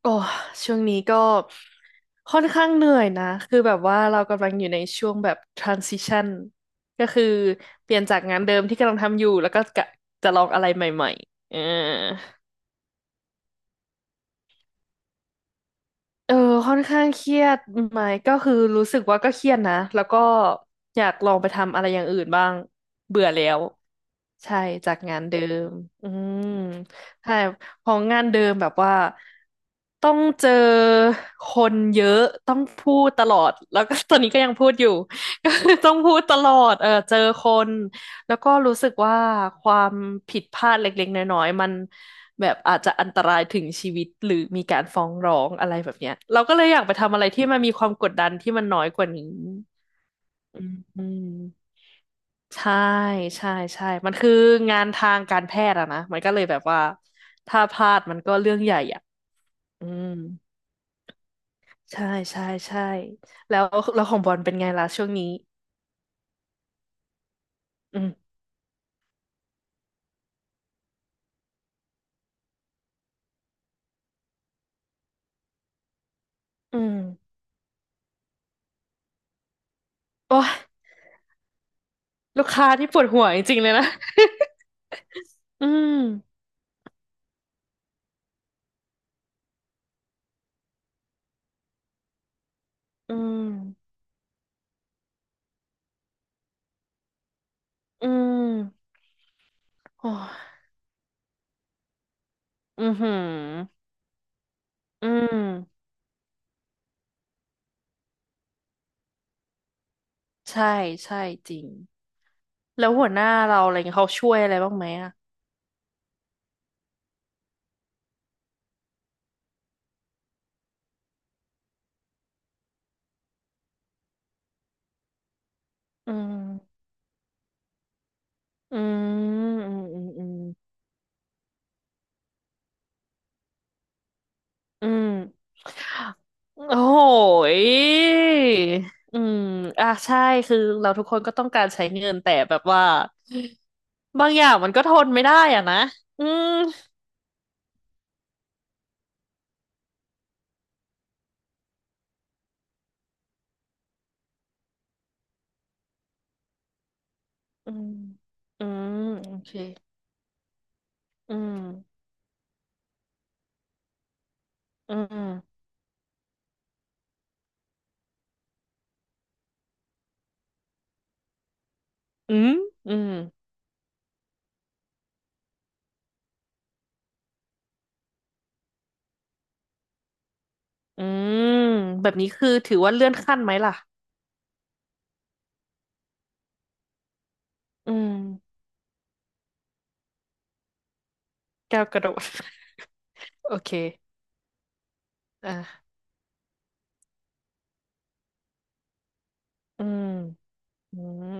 โอ้ช่วงนี้ก็ค่อนข้างเหนื่อยนะคือแบบว่าเรากำลังอยู่ในช่วงแบบ transition ก็คือเปลี่ยนจากงานเดิมที่กำลังทำอยู่แล้วก็กะจะลองอะไรใหม่ๆเออค่อนข้างเครียดไหมก็คือรู้สึกว่าก็เครียดนะแล้วก็อยากลองไปทำอะไรอย่างอื่นบ้างเบื่อแล้วใช่จากงานเดิมอืมใช่ของงานเดิมแบบว่าต้องเจอคนเยอะต้องพูดตลอดแล้วก็ ตอนนี้ก็ยังพูดอยู่ ก็คือต้องพูดตลอดเออเจอคน แล้วก็รู้สึกว่าความผิดพลาดเล็กๆน้อยๆมันแบบอาจจะอันตรายถึงชีวิตหรือมีการฟ้องร้องอะไรแบบเนี้ยเราก็เลยอยากไปทำอะไรที่มันมีความกดดันที่มันน้อยกว่านี้อืมอืมใช่ใช่ใช่มันคืองานทางการแพทย์อะนะมันก็เลยแบบว่าถ้าพลาดมันก็เรื่องใหญ่อะอืมใช่ใช่ใช่แล้วของบอลเป็นไงล่ะช่วงนี้อืมอืมโอ้ยลูกค้าที่ปวดหัวจริงๆเลยนะอืมอืม อืมโอ้ยอือหืออืมใช่ ใช่จริง แล้วหัวหน้าเราอะไรเงี้ยเขาช่วยอะไรบ้างไหมอ่ะอืมอืมอืมอืมอืมอืมโอ้โหยอืมอ่ะใช่คือเราทุกคนก็ต้องการใช้เงินแต่แบบว่า บางอย่างมันก็ทนไม่ได้อ่ะนะ อืมอืมอืมโอเคอืมอืมอืมอืม อืมแบบนี้คือถือว่าเลื่อนขั้นไหมล่ะอืมแก้วกระโดด โอเคอ่ะอืมอืม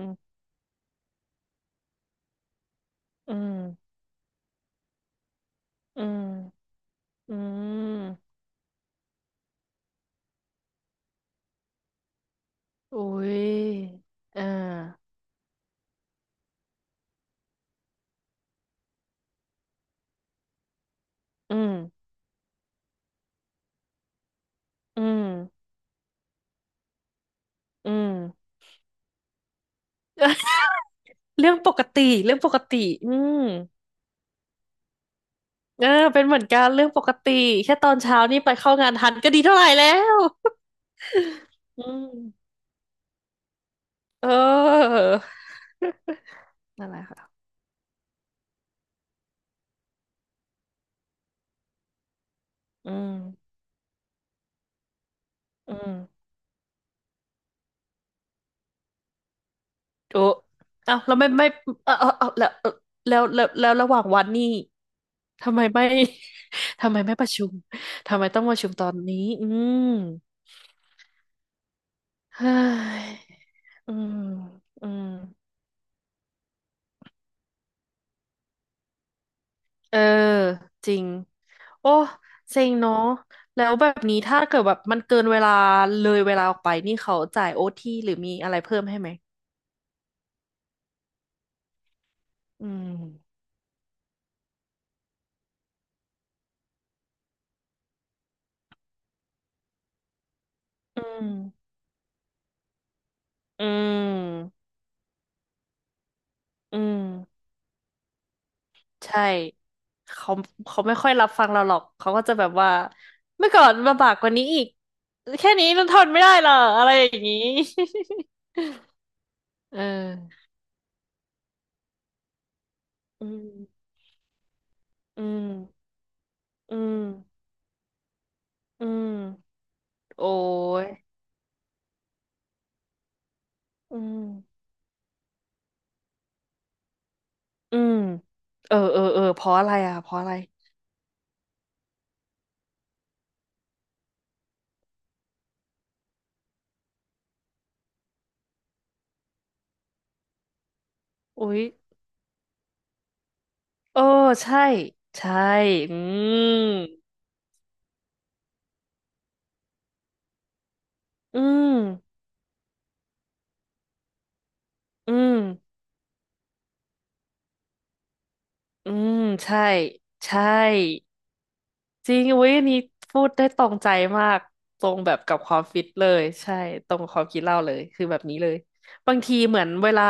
อืมอืมอืมอุ้ยอ่าอืมอืมอืม เรื่องปกติเรื่องปกติอืมเออเป็นเหมือนกันเรื่องปกติแค่ตอนเช้านี่ไปเข้างานทันก็ดีเท่าไหร่แล้ว อืมเออ นั่นแหละค่ะอืมอืม โอ้เอ้าแล้วไม่ไม่เออเออเออแล้วระหว่างวันนี่ ทำไมไม่ ทำไมไม่ประชุมทำไมต้องประชุมตอนนี้ อืมเฮ้ยอืมอืมเออจริงโอ้เซ็งเนาะแล้วแบบนี้ถ้าเกิดแบบมันเกินเวลาเลยเวลาออกไปนี่เขาจ่ายโอทีหรือมีอะไรเพิ่มให้ไหม อืมอืมอืมอืม ใช่เขาไม่ค่อยรับฟังเราหรอกเขาก็จะแบบว่าเมื่อก่อนมาบากกว่านี้อีกแค่นี้มันทนไม่ได้เหรออะไรอย่างนี้ เออ อืมอืมอืมอืมโอ้ยอืมอืมเออเออเออเพราะอะไรอ่ะเพราะอะไรอุ๊ยเออใช่ใช่อืมอืมอืมอืมใช่ใช่ จริงอุ้ยอันนี้พูดได้ตรงใจมากตรงแบบกับความฟิตเลยใช่ตรงความคิดเราเลยคือแบบนี้เลยบางทีเหมือนเวลา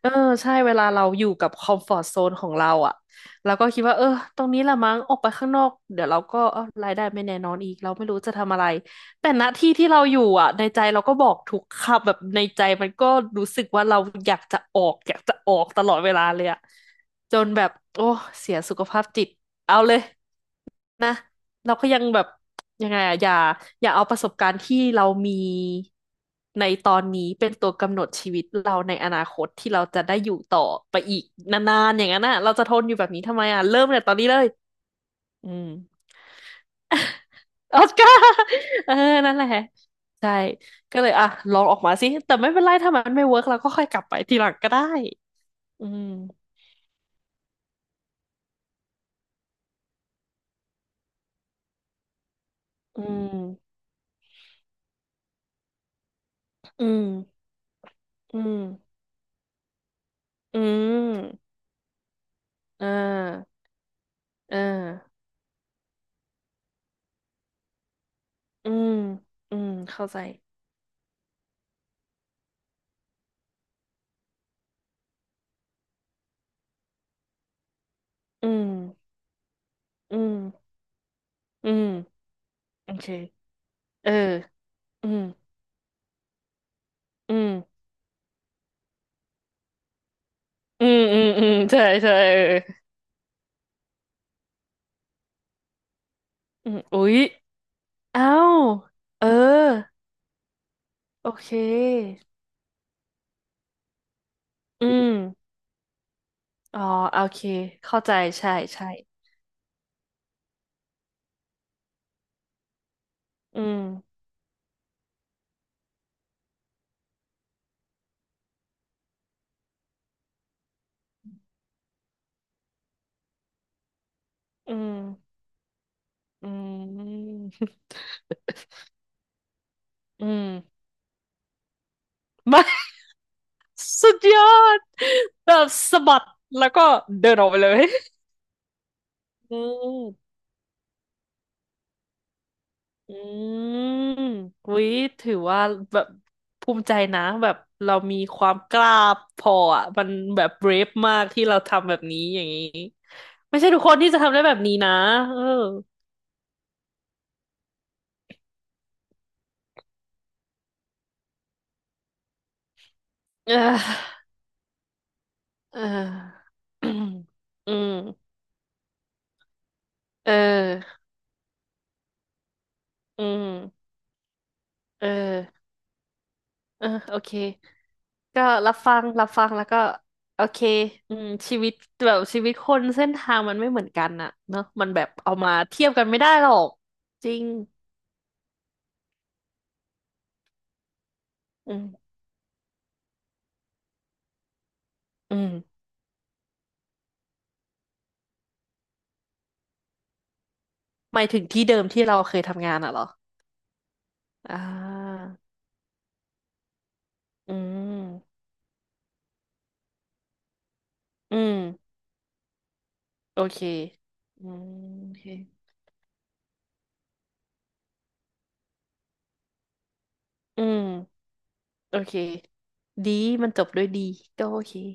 เออใช่เวลาเราอยู่กับคอมฟอร์ z โซนของเราอ่ะเราก็คิดว่าเออตรงนี้ละมั้งออกไปข้างนอกเดี๋ยวเราก็เออรายได้ไม่แน่นอนอีกเราไม่รู้จะทำอะไรแต่ณที่ที่เราอยู่อ่ะในใจเราก็บอกทุกคำแบบในใจมันก็รู้สึกว่าเราอยากจะออกอยากจะออกตลอดเวลาเลยอ่ะจนแบบโอ้เสียสุขภาพจิตเอาเลย นะเราก็ยังแบบยังไงอะอย่าอย่าเอาประสบการณ์ที่เรามีในตอนนี้เป็นตัวกำหนดชีวิตเราในอนาคตที่เราจะได้อยู่ต่อไปอีกนานๆอย่างนั้นน่ะเราจะทนอยู่แบบนี้ทำไมอ่ะเริ่มเลยตอนนี้เลยอืม ออสการ์ เออนั่นแหละใช่ก็เลยอ่ะลองออกมาสิแต่ไม่เป็นไรถ้ามันไม่เวิร์กเราก็ค่อยกลับไปทีหลังก็ได้อืมอืมอืมอืมอืมอ่าอ่า อืมอืมเข้าใจอืมอืมอืมโอเคเอออืมอืมอืมใช่ใช่เอออืมอุ๊ยอ้าวเออโอเคอืมอ๋อโอเคเข้าใจใช่ใช่อืมอืมอืม อืมา สุดยอดแบบสะบัดแล้วก็เดินออกไปเลยอืม อืมอุ๊ยถือว่าแบบภูมิใจนะแบบเรามีความกล้าพออ่ะมันแบบเบรฟมากที่เราทำแบบนี้อย่างนี้ไม่ใช่ทุกคนที่จะทำได้แบบนี้นะเออเออเอออืมอืมเอออืมเออเออโอเคก็รับฟังรับฟังแล้วก็โอเคอืมชีวิตแบบชีวิตคนเส้นทางมันไม่เหมือนกันน่ะเนอะมันแบบเอามาเทียบกันไม่ได้หรอกจริงอืม อืมหมายถึงที่เดิมที่เราเคยทำงานอ่ะเหรออ่าอืมอืมโอเคอืมโอเคอืมโอเคดีมันจบด้วยดีก็โอเค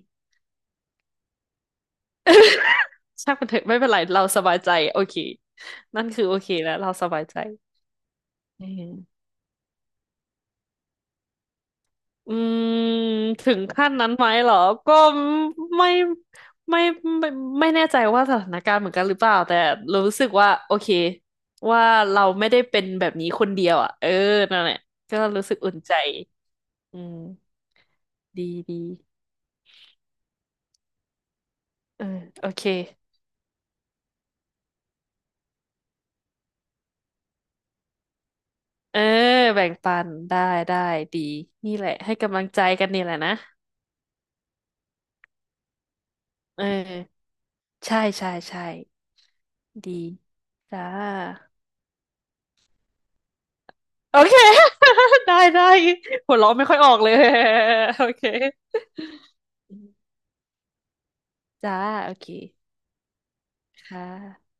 ช่างมันเถอะไม่เป็นไรเราสบายใจโอเคนั่นคือโอเคแล้วเราสบายใจอืม อืมถึงขั้นนั้นไหมเหรอก็ไม่ไม่ไม่ไม่แน่ใจว่าสถานการณ์เหมือนกันหรือเปล่าแต่รู้สึกว่าโอเคว่าเราไม่ได้เป็นแบบนี้คนเดียวอ่ะเออนั่นแหละก็รู้สึกอุ่นใจอืมดีดีเออโอเคเออแบ่งปันได้ได้ดีนี่แหละให้กำลังใจกันนี่แหละนะเออใช่ใช่ใช่ดีจ้า โอเค ได้ได้ หัวเราะไม่ค่อยออกเลย โอเค จ้า โอเคค่ะ